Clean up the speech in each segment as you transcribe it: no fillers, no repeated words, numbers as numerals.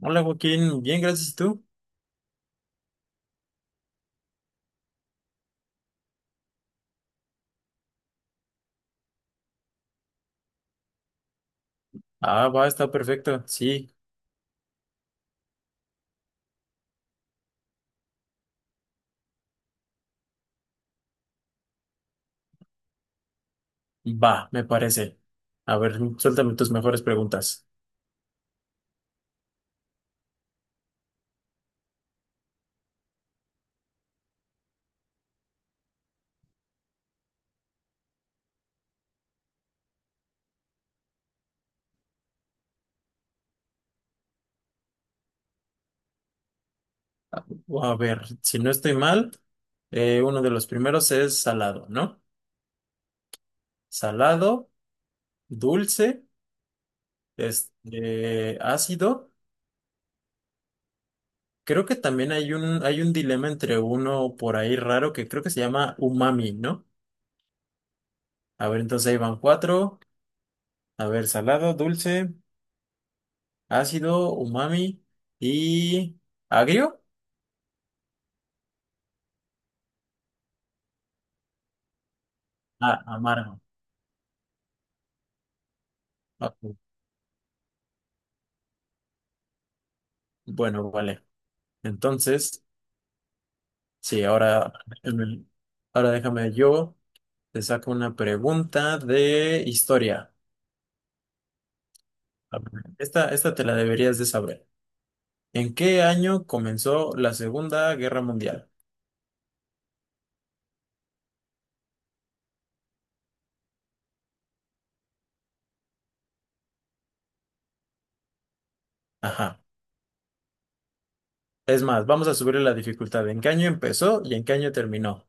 Hola Joaquín, bien, gracias. ¿Y tú? Ah, va, está perfecto. Sí, va, me parece. A ver, suéltame tus mejores preguntas. A ver, si no estoy mal, uno de los primeros es salado, ¿no? Salado, dulce, ácido. Creo que también hay un dilema entre uno por ahí raro que creo que se llama umami, ¿no? A ver, entonces ahí van cuatro. A ver, salado, dulce, ácido, umami y agrio. Ah, amargo. Ah, bueno, vale. Entonces, sí, em, ahora déjame yo, te saco una pregunta de historia. A ver, esta te la deberías de saber. ¿En qué año comenzó la Segunda Guerra Mundial? Ajá. Es más, vamos a subirle la dificultad. ¿En qué año empezó y en qué año terminó?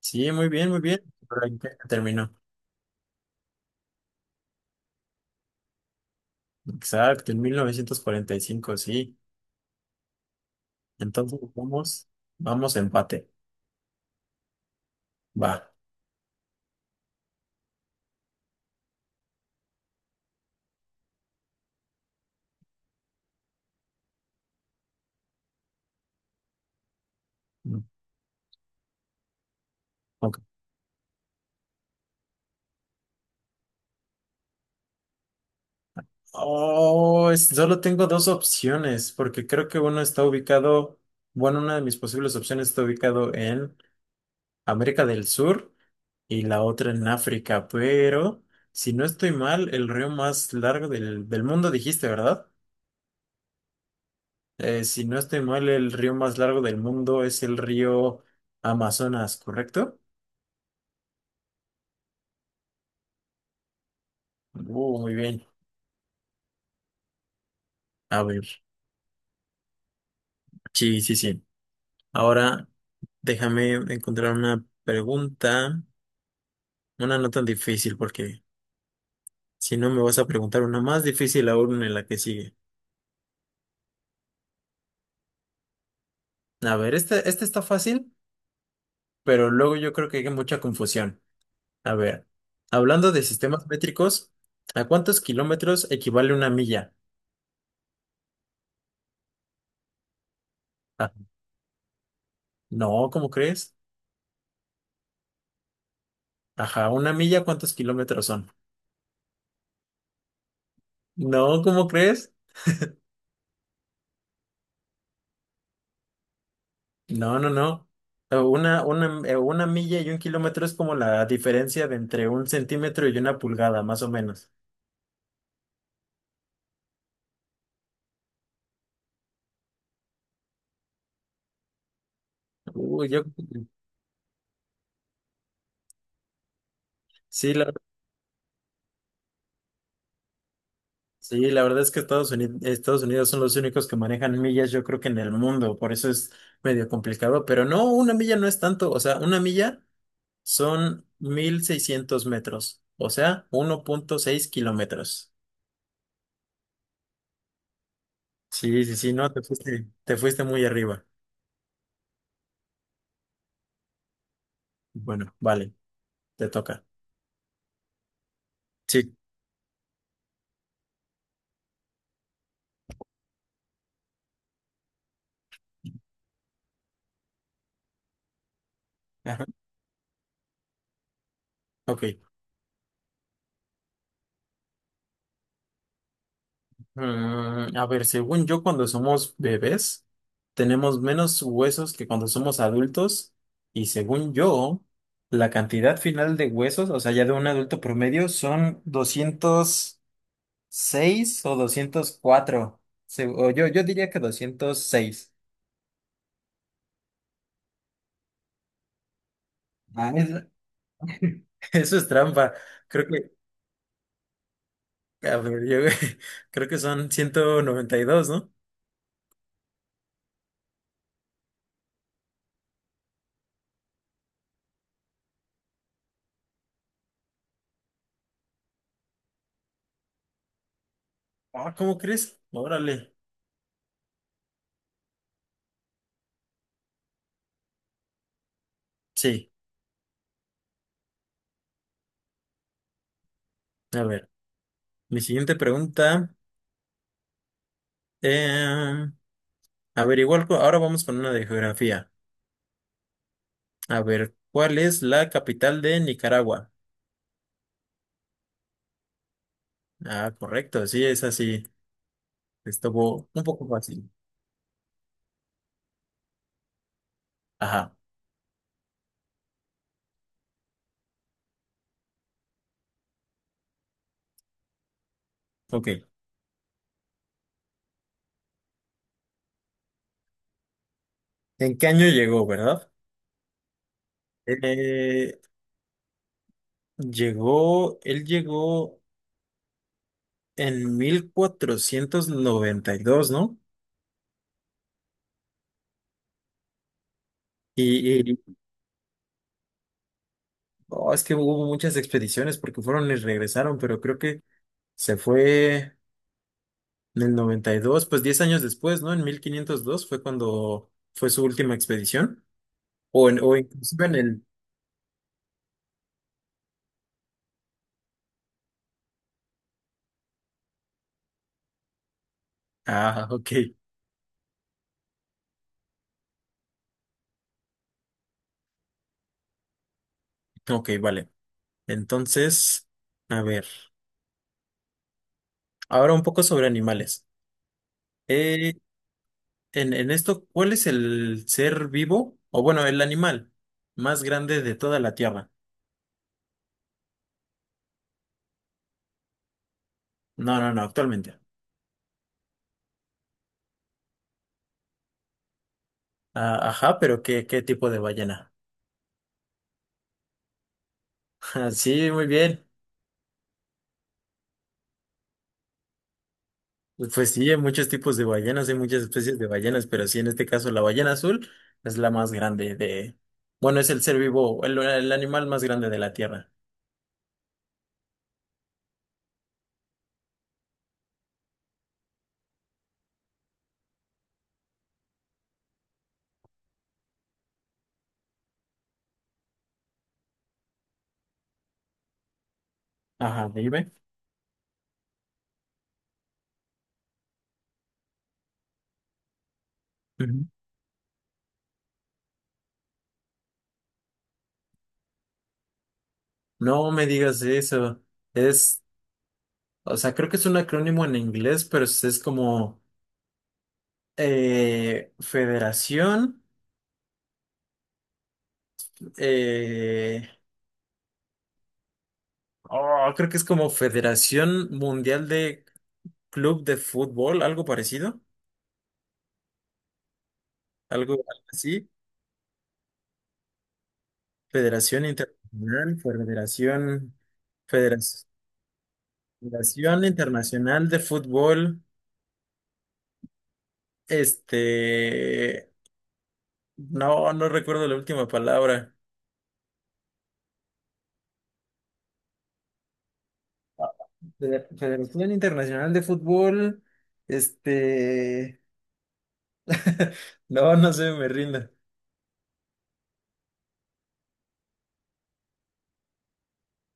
Sí, muy bien, muy bien. Pero ¿en qué año terminó? Exacto, en mil novecientos cuarenta y cinco, sí. Entonces, vamos empate. Va. Oh, solo tengo dos opciones, porque creo que uno está ubicado, bueno, una de mis posibles opciones está ubicado en América del Sur y la otra en África, pero si no estoy mal, el río más largo del mundo, dijiste, ¿verdad? Si no estoy mal, el río más largo del mundo es el río Amazonas, ¿correcto? Muy bien. A ver, sí, sí, sí. Ahora déjame encontrar una pregunta, una no tan difícil, porque si no, me vas a preguntar una más difícil aún en la que sigue. A ver, esta está fácil, pero luego yo creo que hay mucha confusión. A ver, hablando de sistemas métricos, ¿a cuántos kilómetros equivale una milla? Ah, no, ¿cómo crees? Ajá, una milla, ¿cuántos kilómetros son? No, ¿cómo crees? No, no, no. Una milla y un kilómetro es como la diferencia de entre un centímetro y una pulgada, más o menos. Uy, yo, sí, la, sí, la verdad es que Estados Unidos son los únicos que manejan millas, yo creo que en el mundo, por eso es medio complicado, pero no, una milla no es tanto, o sea, una milla son 1600 metros, o sea, uno punto seis kilómetros. Sí, sí, sí, no, te fuiste muy arriba. Bueno, vale, te toca. Sí, ajá, ok. A ver, según yo, cuando somos bebés, tenemos menos huesos que cuando somos adultos. Y según yo, la cantidad final de huesos, o sea, ya de un adulto promedio, son doscientos seis o 204. O yo diría que 206. Ah, eso es trampa. Creo que, a ver, creo que son ciento noventa y dos, ¿no? Ah, ¿cómo crees? Órale. Sí. A ver, mi siguiente pregunta. eh, A ver, igual ahora vamos con una de geografía. A ver, ¿cuál es la capital de Nicaragua? Ah, correcto, sí, es así. Estuvo un poco fácil. Ajá, ok. ¿En qué año llegó, verdad? Eh, él llegó en 1492, ¿no? Y, y- oh, es que hubo muchas expediciones porque fueron y regresaron, pero creo que se fue en el 92. Pues 10 años después, ¿no? En 1502 fue cuando fue su última expedición. O inclusive en el. Ah, ok. Ok, vale. Entonces, a ver. Ahora un poco sobre animales. Eh, en esto, ¿cuál es el ser vivo? O bueno, el animal más grande de toda la Tierra. No, no, no, actualmente. Ah, ajá, pero ¿qué tipo de ballena? Ah, sí, muy bien. Pues sí, hay muchos tipos de ballenas, hay muchas especies de ballenas, pero sí, en este caso la ballena azul es la más grande de. Bueno, es el ser vivo, el animal más grande de la Tierra. Ajá, dime. Ujú. No me digas eso. Es, o sea, creo que es un acrónimo en inglés, pero es como Federación. eh, oh, creo que es como Federación Mundial de Club de Fútbol, algo parecido, algo así. Federación Internacional, Federación, Federación, Federación Internacional de Fútbol. Este, no, no recuerdo la última palabra. De la Federación Internacional de Fútbol, este... No, no sé, me rindo.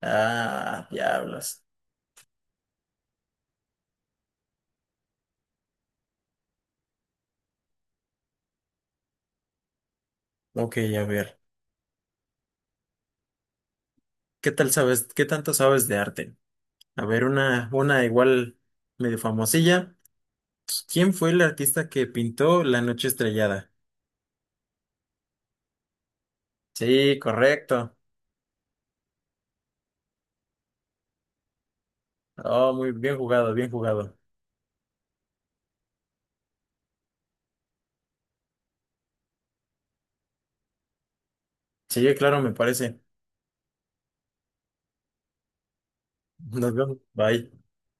Ah, diablos. Ok, a ver. ¿Qué tal sabes? ¿Qué tanto sabes de arte? A ver, una igual medio famosilla. ¿Quién fue el artista que pintó La Noche Estrellada? Sí, correcto. Oh, muy bien jugado, bien jugado. Sí, claro, me parece. Nos vemos. Bye.